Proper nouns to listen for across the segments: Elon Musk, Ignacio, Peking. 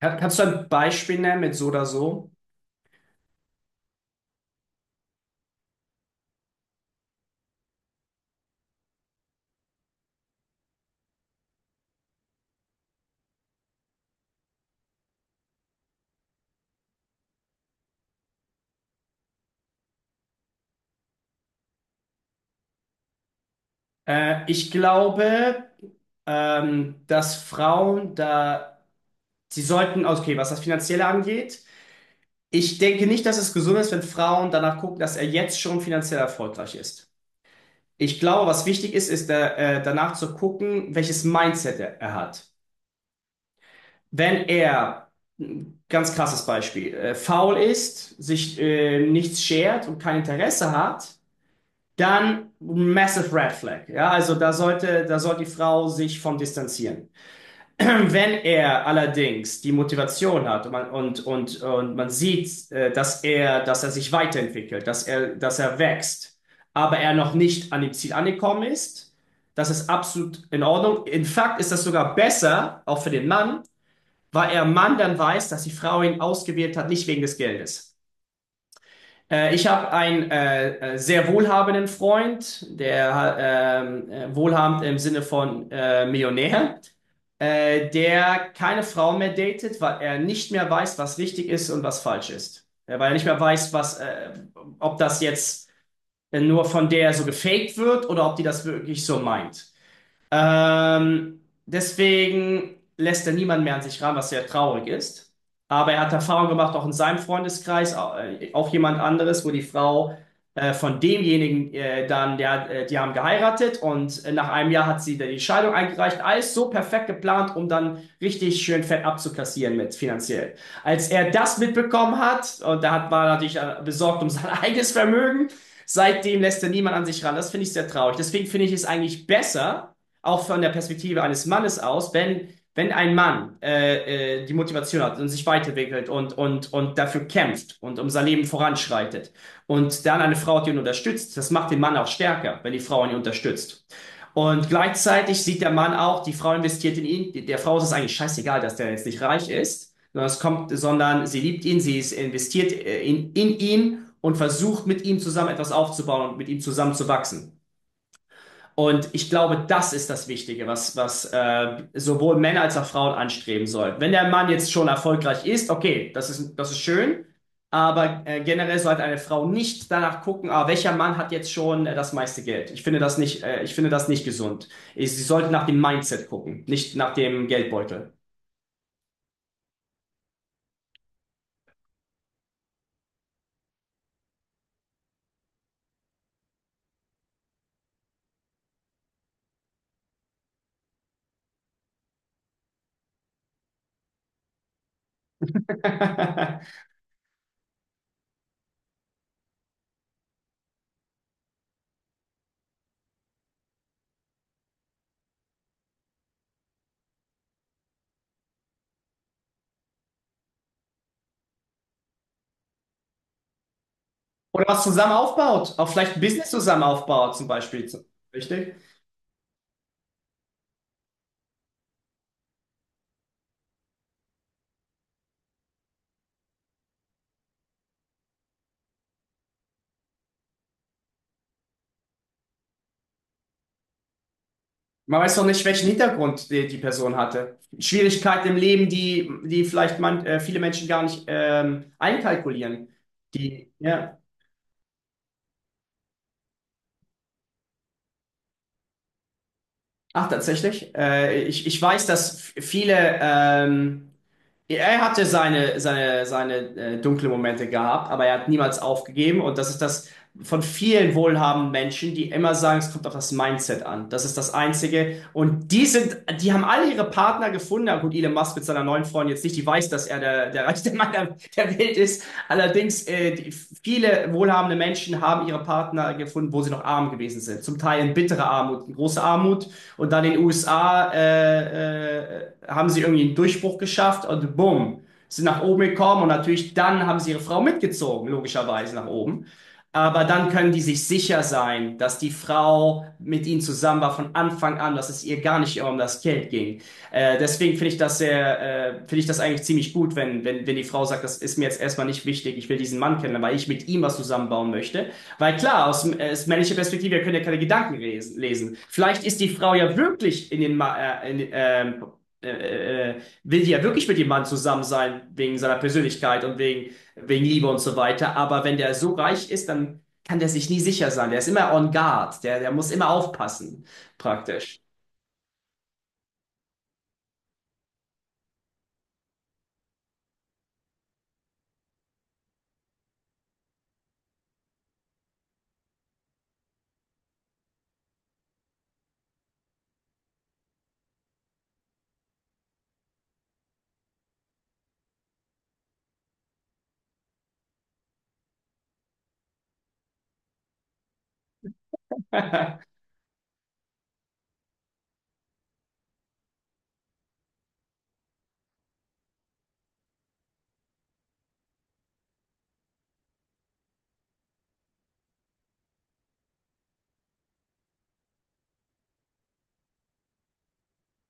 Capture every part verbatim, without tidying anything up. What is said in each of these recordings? Kann- Kannst du ein Beispiel nennen mit so oder so? Äh, ich glaube, ähm, dass Frauen da, sie sollten, okay, was das Finanzielle angeht, ich denke nicht, dass es gesund ist, wenn Frauen danach gucken, dass er jetzt schon finanziell erfolgreich ist. Ich glaube, was wichtig ist, ist da, äh, danach zu gucken, welches Mindset er, er hat. Wenn er, ein ganz krasses Beispiel, äh, faul ist, sich äh, nichts schert und kein Interesse hat, dann massive Red Flag. Ja, also da sollte, da soll die Frau sich von distanzieren. Wenn er allerdings die Motivation hat und man, und, und, und man sieht, äh, dass er, dass er sich weiterentwickelt, dass er, dass er wächst, aber er noch nicht an dem Ziel angekommen ist, das ist absolut in Ordnung. In Fakt ist das sogar besser, auch für den Mann, weil er Mann dann weiß, dass die Frau ihn ausgewählt hat, nicht wegen des Geldes. Äh, ich habe einen äh, äh, sehr wohlhabenden Freund, der ha- ähm, äh, wohlhabend im Sinne von äh, Millionär, äh, der keine Frau mehr datet, weil er nicht mehr weiß, was richtig ist und was falsch ist. Äh, weil er nicht mehr weiß, was, äh, ob das jetzt äh, nur von der so gefaked wird oder ob die das wirklich so meint. Ähm, deswegen lässt er niemanden mehr an sich ran, was sehr traurig ist. Aber er hat Erfahrung gemacht, auch in seinem Freundeskreis, äh, auch jemand anderes, wo die Frau äh, von demjenigen äh, dann, der, äh, die haben geheiratet und äh, nach einem Jahr hat sie dann die Scheidung eingereicht. Alles so perfekt geplant, um dann richtig schön fett abzukassieren mit finanziell. Als er das mitbekommen hat, und da hat, war er natürlich äh, besorgt um sein eigenes Vermögen, seitdem lässt er niemand an sich ran. Das finde ich sehr traurig. Deswegen finde ich es eigentlich besser, auch von der Perspektive eines Mannes aus, wenn, wenn ein Mann äh, äh, die Motivation hat und sich weiterentwickelt und, und, und dafür kämpft und um sein Leben voranschreitet und dann eine Frau hat, die ihn unterstützt, das macht den Mann auch stärker, wenn die Frau ihn unterstützt. Und gleichzeitig sieht der Mann auch, die Frau investiert in ihn, der Frau ist es eigentlich scheißegal, dass der jetzt nicht reich ist, sondern, es kommt, sondern sie liebt ihn, sie ist investiert äh, in, in ihn und versucht mit ihm zusammen etwas aufzubauen und mit ihm zusammen zu wachsen. Und ich glaube, das ist das Wichtige, was, was äh, sowohl Männer als auch Frauen anstreben sollten. Wenn der Mann jetzt schon erfolgreich ist, okay, das ist, das ist schön, aber äh, generell sollte eine Frau nicht danach gucken, ah, welcher Mann hat jetzt schon äh, das meiste Geld. Ich finde das nicht, äh, ich finde das nicht gesund. Ich, sie sollte nach dem Mindset gucken, nicht nach dem Geldbeutel. Oder was zusammen aufbaut, auch vielleicht ein Business zusammen aufbaut, zum Beispiel. Richtig? Man weiß noch nicht, welchen Hintergrund die, die Person hatte. Schwierigkeiten im Leben, die, die vielleicht man, äh, viele Menschen gar nicht ähm, einkalkulieren. Die, ja. Ach, tatsächlich. Äh, ich, ich weiß, dass f- viele ähm, Er hatte seine, seine, seine äh, dunklen Momente gehabt, aber er hat niemals aufgegeben. Und das ist das von vielen wohlhabenden Menschen, die immer sagen, es kommt auf das Mindset an. Das ist das Einzige. Und die sind, die haben alle ihre Partner gefunden. Na gut, Elon Musk mit seiner neuen Freundin jetzt nicht, die weiß, dass er der, der reichste Mann der, der Welt ist. Allerdings, äh, die, viele wohlhabende Menschen haben ihre Partner gefunden, wo sie noch arm gewesen sind. Zum Teil in bitterer Armut, in großer Armut und dann in den U S A äh, äh, haben sie irgendwie einen Durchbruch geschafft und bumm, sind nach oben gekommen und natürlich dann haben sie ihre Frau mitgezogen, logischerweise nach oben. Aber dann können die sich sicher sein, dass die Frau mit ihnen zusammen war von Anfang an, dass es ihr gar nicht immer um das Geld ging. Äh, deswegen finde ich das sehr, äh, finde ich das eigentlich ziemlich gut, wenn, wenn, wenn die Frau sagt, das ist mir jetzt erstmal nicht wichtig, ich will diesen Mann kennen, weil ich mit ihm was zusammenbauen möchte. Weil klar, aus äh, aus männlicher Perspektive, wir können ja keine Gedanken lesen. lesen. Vielleicht ist die Frau ja wirklich in den, Ma äh, in, ähm, äh, äh, will die ja wirklich mit dem Mann zusammen sein, wegen seiner Persönlichkeit und wegen, wegen Liebe und so weiter. Aber wenn der so reich ist, dann kann der sich nie sicher sein. Der ist immer on guard. Der, der muss immer aufpassen, praktisch.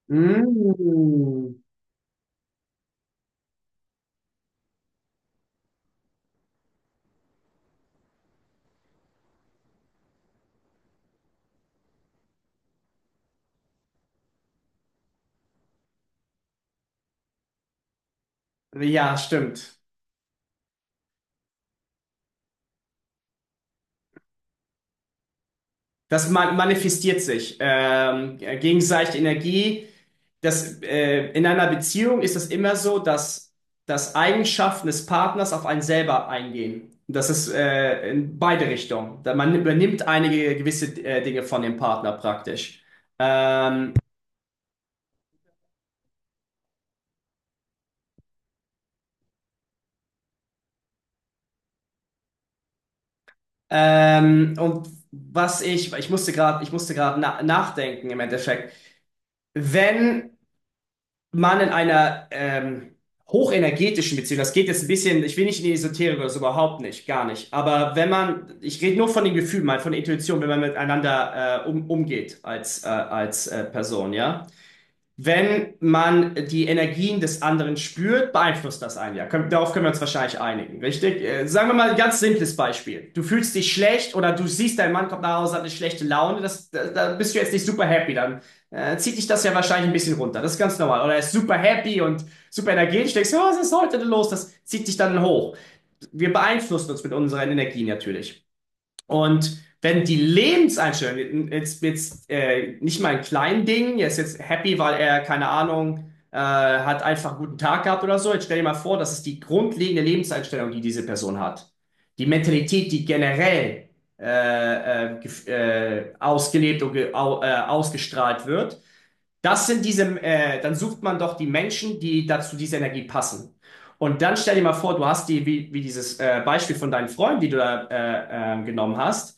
Mm. Ja, stimmt. Das ma- manifestiert sich. Ähm, gegenseitige Energie. Das, äh, in einer Beziehung ist es immer so, dass, dass Eigenschaften des Partners auf einen selber eingehen. Das ist äh, in beide Richtungen. Da- Man übernimmt einige gewisse äh, Dinge von dem Partner praktisch. Ähm, ähm, und was ich, ich musste gerade, ich musste gerade na nachdenken im Endeffekt. Wenn man in einer ähm, hochenergetischen Beziehung, das geht jetzt ein bisschen, ich will nicht in die Esoterik oder so, überhaupt nicht, gar nicht. Aber wenn man, ich rede nur von den Gefühlen, mal von der Intuition, wenn man miteinander äh, um, umgeht als, äh, als äh, Person, ja. Wenn man die Energien des anderen spürt, beeinflusst das einen ja. Können- Darauf können wir uns wahrscheinlich einigen, richtig? Äh, Sagen wir mal ein ganz simples Beispiel. Du fühlst dich schlecht oder du siehst, dein Mann kommt nach Hause, hat eine schlechte Laune, das, da, da bist du jetzt nicht super happy, dann äh, zieht dich das ja wahrscheinlich ein bisschen runter. Das ist ganz normal. Oder er ist super happy und super energetisch, denkst, ja, was ist heute denn los? Das zieht dich dann hoch. Wir beeinflussen uns mit unseren Energien natürlich. Und wenn die Lebenseinstellung, jetzt, jetzt äh, nicht mal ein klein Ding, er ist jetzt happy, weil er, keine Ahnung, äh, hat einfach einen guten Tag gehabt oder so. Jetzt stell dir mal vor, das ist die grundlegende Lebenseinstellung, die diese Person hat. Die Mentalität, die generell äh, äh, gef- äh, ausgelebt und ge au äh, ausgestrahlt wird. Das sind diese, äh, dann sucht man doch die Menschen, die dazu diese Energie passen. Und dann stell dir mal vor, du hast die, wie, wie dieses äh, Beispiel von deinen Freunden, die du da äh, äh, genommen hast.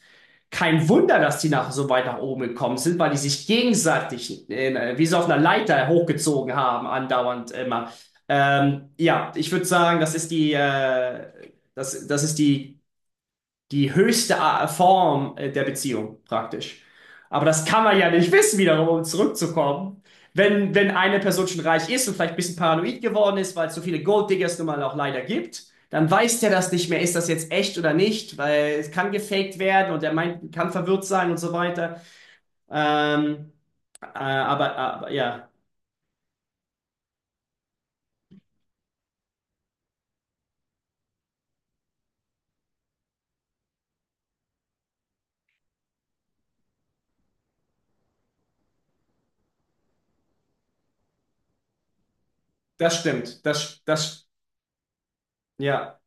Kein Wunder, dass die nach, so weit nach oben gekommen sind, weil die sich gegenseitig äh, wie so auf einer Leiter hochgezogen haben, andauernd immer. Ähm, ja, ich würde sagen, das ist die, äh, das, das ist die die höchste A- Form äh, der Beziehung praktisch. Aber das kann man ja nicht wissen, wiederum, um zurückzukommen. Wenn, wenn eine Person schon reich ist und vielleicht ein bisschen paranoid geworden ist, weil es so viele Golddiggers nun mal auch leider gibt, dann weiß der das nicht mehr, ist das jetzt echt oder nicht, weil es kann gefaked werden und der meint, kann verwirrt sein und so weiter. Ähm, äh, aber, aber ja, das stimmt. Das, das, ja.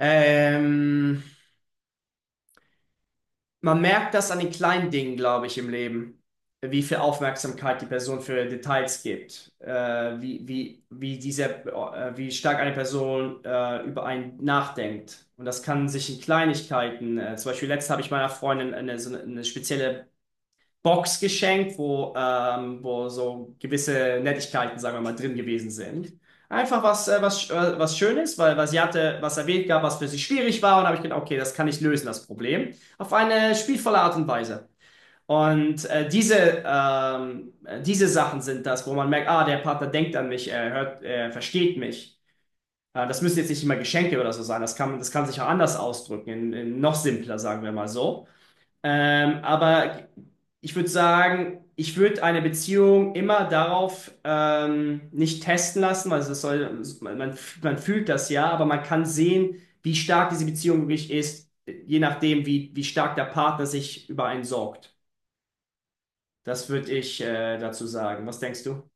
Ähm, man merkt das an den kleinen Dingen, glaube ich, im Leben, wie viel Aufmerksamkeit die Person für Details gibt, äh, wie, wie, wie, diese, äh, wie stark eine Person äh, über einen nachdenkt. Und das kann sich in Kleinigkeiten, äh, zum Beispiel letztens habe ich meiner Freundin eine, so eine, eine spezielle Box geschenkt, wo, ähm, wo so gewisse Nettigkeiten, sagen wir mal, drin gewesen sind. Einfach was, äh, was, äh, was Schönes, weil, weil sie hatte was erwähnt gab, was für sie schwierig war. Und habe ich gedacht, okay, das kann ich lösen, das Problem. Auf eine spielvolle Art und Weise. Und äh, diese, ähm, Diese Sachen sind das, wo man merkt, ah, der Partner denkt an mich, er hört, er versteht mich. Äh, das müssen jetzt nicht immer Geschenke oder so sein. Das kann, das kann sich auch anders ausdrücken, in, in noch simpler, sagen wir mal so. Ähm, aber ich würde sagen, ich würde eine Beziehung immer darauf ähm, nicht testen lassen, weil es soll, man, man man fühlt das ja, aber man kann sehen, wie stark diese Beziehung wirklich ist, je nachdem, wie, wie stark der Partner sich über einen sorgt. Das würde ich äh, dazu sagen. Was denkst du?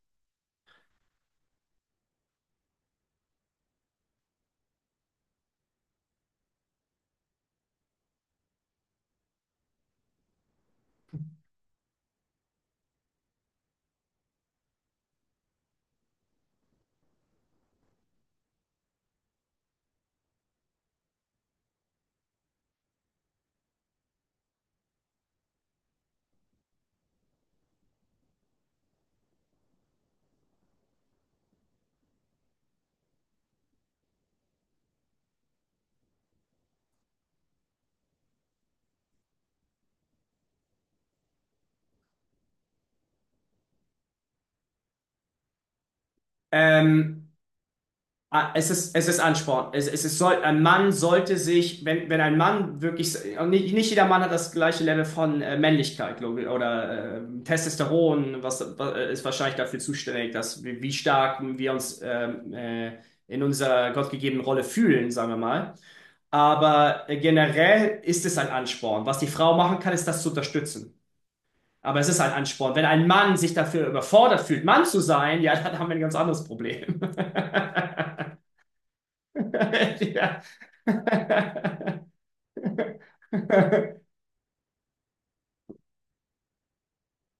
Ähm, Ah, Es ist, es ist Ansporn. Es, es ist, soll, ein Mann sollte sich, wenn, wenn ein Mann wirklich, und nicht, nicht jeder Mann hat das gleiche Level von äh, Männlichkeit, glaube ich, oder äh, Testosteron, was, was äh, ist wahrscheinlich dafür zuständig, dass wir, wie stark wir uns ähm, äh, in unserer gottgegebenen Rolle fühlen, sagen wir mal. Aber äh, generell ist es ein Ansporn. Was die Frau machen kann, ist das zu unterstützen. Aber es ist ein Ansporn. Wenn ein Mann sich dafür überfordert fühlt, Mann zu sein, ja, dann haben wir ein ganz anderes Problem. ja.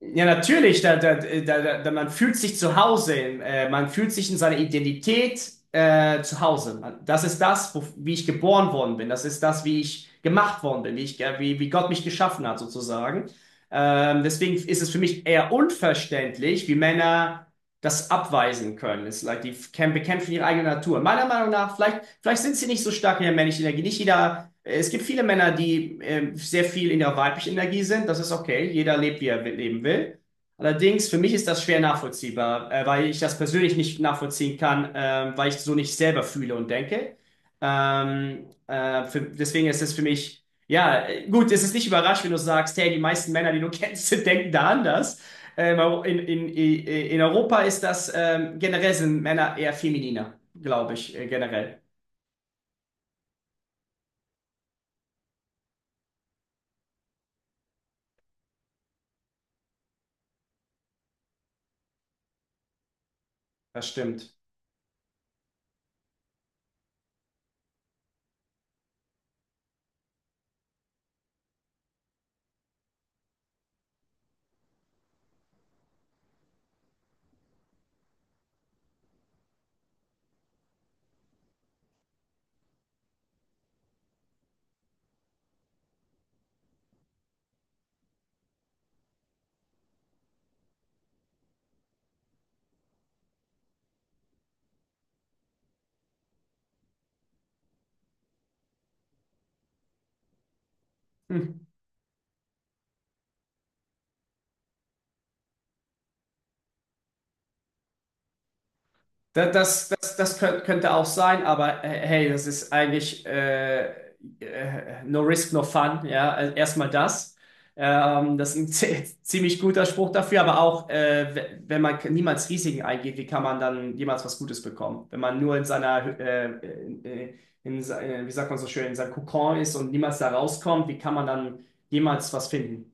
Ja, natürlich, da, da, da, da, man fühlt sich zu Hause, äh, man fühlt sich in seiner Identität äh, zu Hause. Man, das ist das, wo, wie ich geboren worden bin, das ist das, wie ich gemacht worden bin, wie, ich, äh, wie, wie Gott mich geschaffen hat, sozusagen. Ähm, deswegen ist es für mich eher unverständlich, wie Männer das abweisen können. Es, ist like, die f- kämpfen kämpfen ihre eigene Natur. Meiner Meinung nach, vielleicht, vielleicht sind sie nicht so stark in der männlichen Energie. Nicht jeder. Es gibt viele Männer, die äh, sehr viel in ihrer weiblichen Energie sind. Das ist okay. Jeder lebt, wie er wi- leben will. Allerdings, für mich ist das schwer nachvollziehbar, äh, weil ich das persönlich nicht nachvollziehen kann, äh, weil ich so nicht selber fühle und denke. Ähm, äh, für, deswegen ist es für mich, ja, äh, gut, es ist nicht überraschend, wenn du sagst, hey, die meisten Männer, die du kennst, denken da anders. Ähm, in, in, in in Europa ist das ähm, generell sind Männer eher femininer, glaube ich, äh, generell. Das stimmt. Hm. Da- Das, das, das könnt- könnte auch sein, aber äh, hey, das ist eigentlich äh, äh, no risk, no fun. Ja, also erstmal das. Ähm, das ist ein zie- ziemlich guter Spruch dafür, aber auch, äh, we- wenn man k- niemals Risiken eingeht, wie kann man dann jemals was Gutes bekommen? Wenn man nur in seiner, äh, in, äh, in, se- äh, wie sagt man so schön, in seinem Kokon ist und niemals da rauskommt, wie kann man dann jemals was finden?